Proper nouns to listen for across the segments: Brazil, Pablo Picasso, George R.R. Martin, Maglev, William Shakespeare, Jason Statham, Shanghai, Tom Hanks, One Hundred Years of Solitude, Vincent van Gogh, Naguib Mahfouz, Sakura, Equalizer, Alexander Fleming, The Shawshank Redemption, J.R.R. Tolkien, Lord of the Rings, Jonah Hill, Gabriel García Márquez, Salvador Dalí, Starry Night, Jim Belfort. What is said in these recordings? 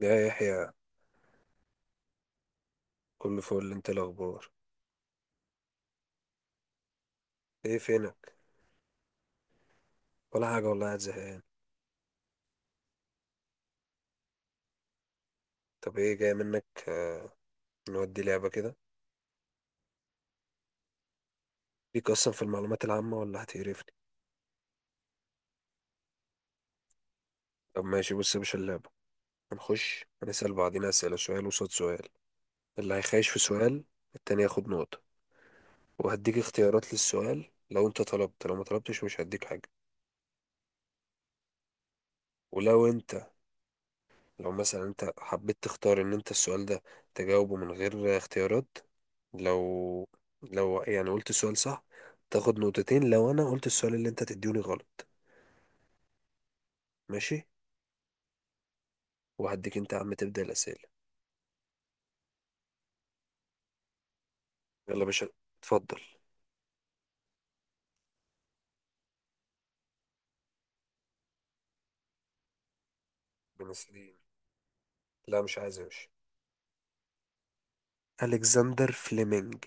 يا يحيى، كل فول. انت إيه الاخبار؟ ايه فينك؟ ولا حاجه والله، قاعد زهقان. طب ايه جاي منك؟ آه، نودي لعبه كده. ليك اصلا في المعلومات العامه ولا هتقرفني؟ طب ماشي، بص يا باشا اللعبه. هنخش هنسال بعضينا اسئله، سؤال وصاد سؤال. اللي هيخايش في سؤال التاني ياخد نقطه. وهديك اختيارات للسؤال، لو انت طلبت. لو ما طلبتش مش هديك حاجه. ولو انت، لو مثلا انت حبيت تختار ان انت السؤال ده تجاوبه من غير اختيارات، لو، لو يعني قلت السؤال صح تاخد نقطتين. لو انا قلت السؤال اللي انت تديوني غلط. ماشي. وهديك انت يا عم تبدأ الأسئلة. يلا يا باشا. اتفضل. بنسلين. لا مش عايز يا باشا. ألكسندر فليمنج.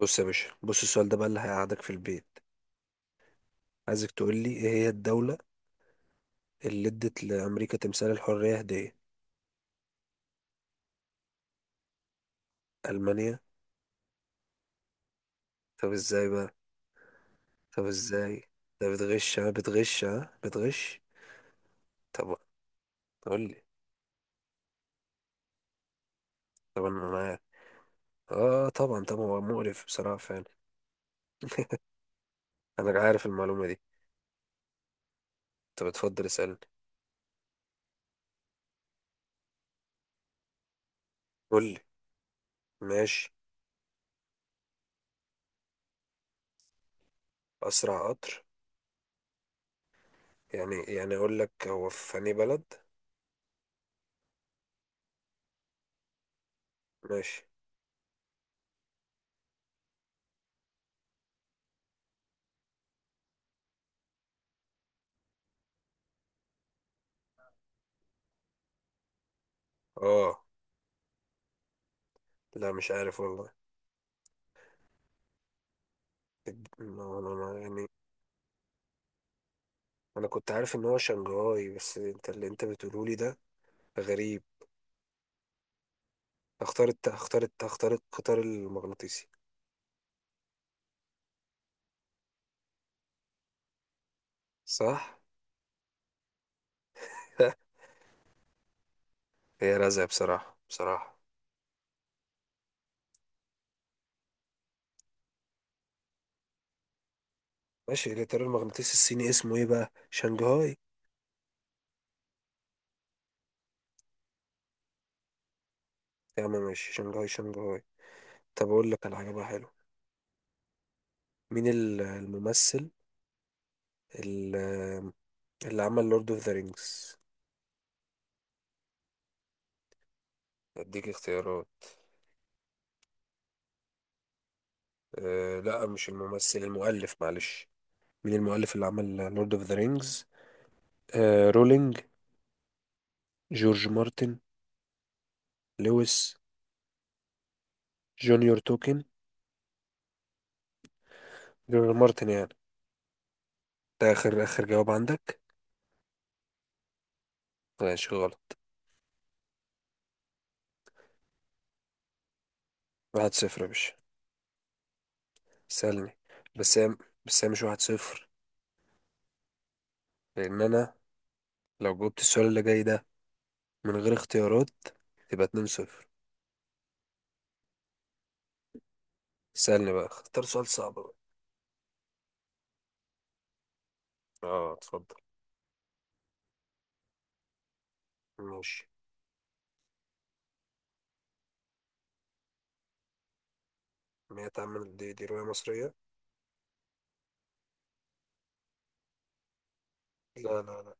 بص يا باشا، بص السؤال ده بقى اللي هيقعدك في البيت. عايزك تقول لي ايه هي الدولة اللي ادت لأمريكا تمثال الحرية هدية. ألمانيا. طب ازاي بقى؟ طب ازاي؟ ده بتغش، ها بتغش، ها بتغش. طب قول لي. طب انا معاك. اه طبعا طبعا، هو مقرف بصراحة فعلا. انا عارف المعلومة دي. طب اتفضل اسألني. قول لي. ماشي. اسرع قطر؟ يعني يعني اقول لك هو في انهي بلد. ماشي. اه. لا مش عارف والله. يعني انا كنت عارف ان هو شنغهاي، بس انت اللي انت بتقوله لي ده غريب. اختار القطار المغناطيسي. صح. هي رزق بصراحة بصراحة. ماشي، الإطار المغناطيسي الصيني اسمه إيه بقى؟ شنغهاي. يا عم ماشي، شنغهاي شنغهاي. طب أقول لك على حاجة بقى حلوة. مين الممثل، ال- اللي عمل لورد أوف ذا رينجز؟ أديك اختيارات. أه لا مش الممثل، المؤلف معلش. مين المؤلف اللي عمل لورد أوف ذا رينجز؟ أه رولينج. جورج مارتن. لويس. جونيور توكن. جورج مارتن يعني. ده آخر جواب عندك؟ ماشي غلط. واحد صفر يا باشا. سألني. بس هي بس هي مش واحد صفر. لأن أنا لو جاوبت السؤال اللي جاي ده من غير اختيارات يبقى 2-0. سألني بقى، اختار سؤال صعب بقى. اه اتفضل. ماشي. مئة عام من دي رؤية مصرية؟ لا لا لا.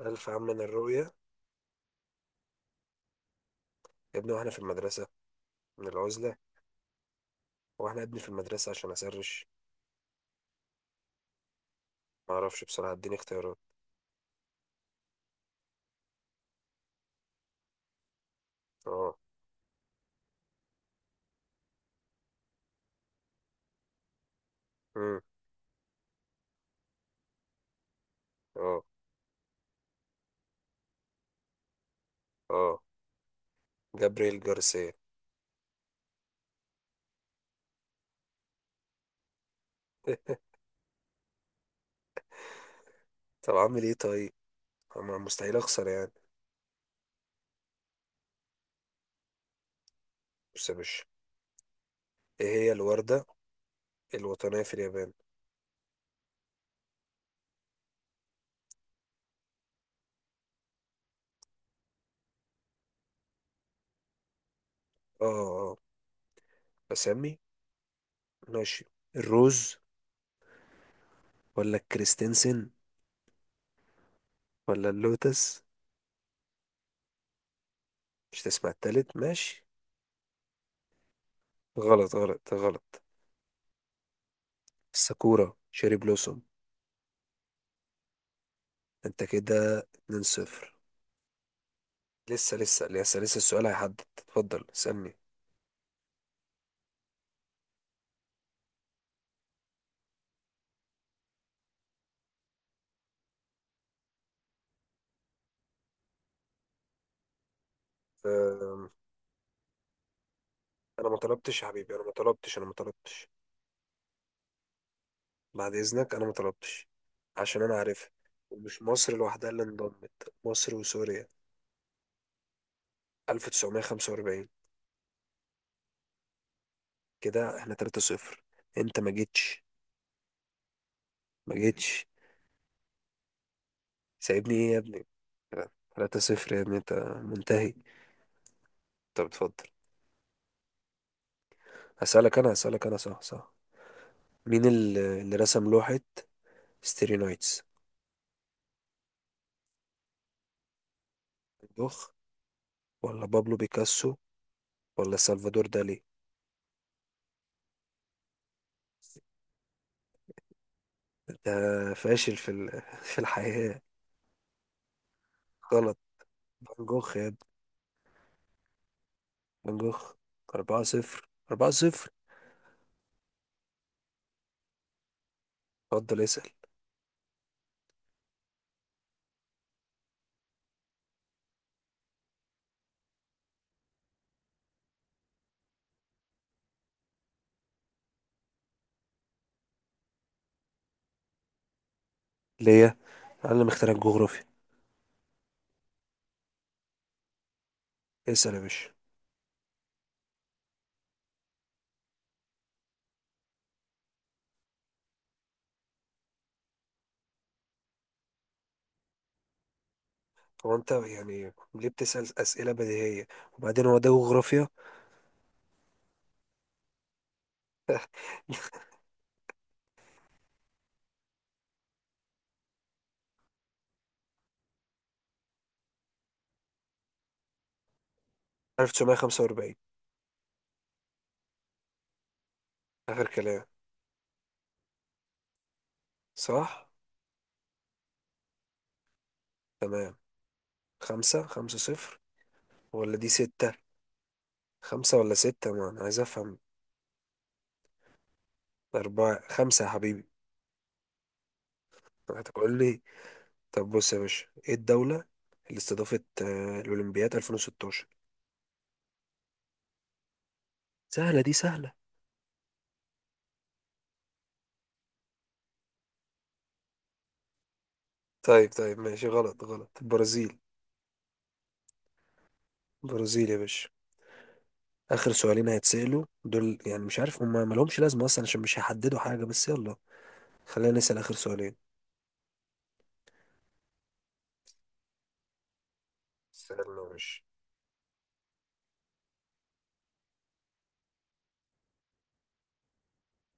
ألف عام من الرؤية؟ يا ابني واحنا في المدرسة. من العزلة. واحنا ابني في المدرسة عشان أسرش. معرفش بصراحة، اديني اختيارات. اه. مم. اه اه جابرييل جارسيا. طب أعمل ايه طيب؟ أما مستحيل أخسر يعني. بص يا باشا، ايه هي الوردة الوطنية في اليابان؟ اه اه آه. اسامي. ماشي. الروز، ولا الكريستنسن، ولا اللوتس؟ مش تسمع التالت، ماشي. غلط غلط غلط. الساكورا، شيري بلوسوم. انت كده 2-0. لسه لسه لسه لسه، السؤال هيحدد. اتفضل اسألني. أم، انا ما طلبتش يا حبيبي، انا ما طلبتش، انا ما طلبتش. بعد اذنك انا ما طلبتش، عشان انا عارفها. ومش مصر لوحدها اللي انضمت، مصر وسوريا. 1945. كده احنا 3-0. انت ما جيتش ما جيتش. سايبني ايه يا ابني؟ 3 صفر يا ابني، انت منتهي. طب اتفضل. هسألك انا صح صح. مين اللي رسم لوحة ستيري نايتس؟ دوخ، ولا بابلو بيكاسو، ولا سلفادور دالي؟ انت فاشل في الحياة. غلط. فان جوخ يا ابني، فان جوخ. 4 صفر، 4 صفر. اتفضل اسأل. ليه؟ انا اللي مخترع الجغرافيا. اسأل يا باشا. هو انت يعني ليه بتسأل أسئلة بديهية؟ وبعدين هو ده جغرافيا؟ 1945. آخر كلام. صح. تمام. خمسة، خمسة صفر، ولا دي ستة؟ خمسة ولا ستة، ما أنا عايز أفهم. أربعة خمسة يا حبيبي. هتقول لي. طب بص يا باشا، إيه الدولة اللي استضافت الأولمبياد 2016؟ سهلة دي سهلة. طيب طيب ماشي، غلط غلط، البرازيل. البرازيل يا باشا. آخر سؤالين هيتسألوا دول يعني، مش عارف هما مالهمش لازمة أصلا عشان مش هيحددوا حاجة، بس يلا خلينا نسأل آخر سؤالين. سألنا يا باشا.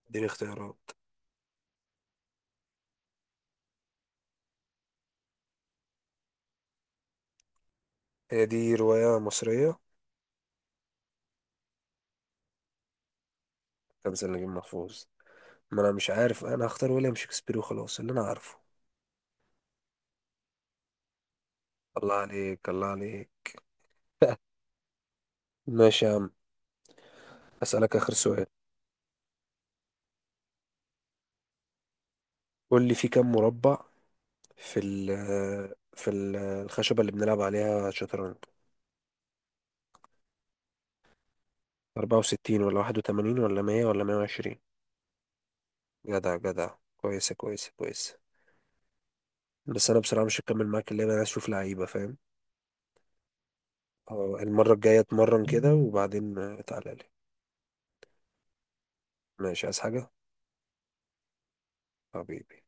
اديني اختيارات. هي دي رواية مصرية؟ خمسة نجيب محفوظ؟ ما انا مش عارف، انا هختار ويليام شكسبير وخلاص، اللي انا عارفه. الله عليك، الله عليك. ماشي يا عم، اسالك اخر سؤال. قول لي في كم مربع في ال الخشبة اللي بنلعب عليها شطرنج؟ 64 ولا 81 ولا 100 ولا 120؟ جدع جدع، كويسة كويسة كويسة. بس انا بصراحة مش هكمل معاك اللعبة، انا عايز اشوف لعيبة فاهم. اه المرة الجاية اتمرن كده وبعدين تعالى لي. ماشي، عايز حاجة؟ حبيبي.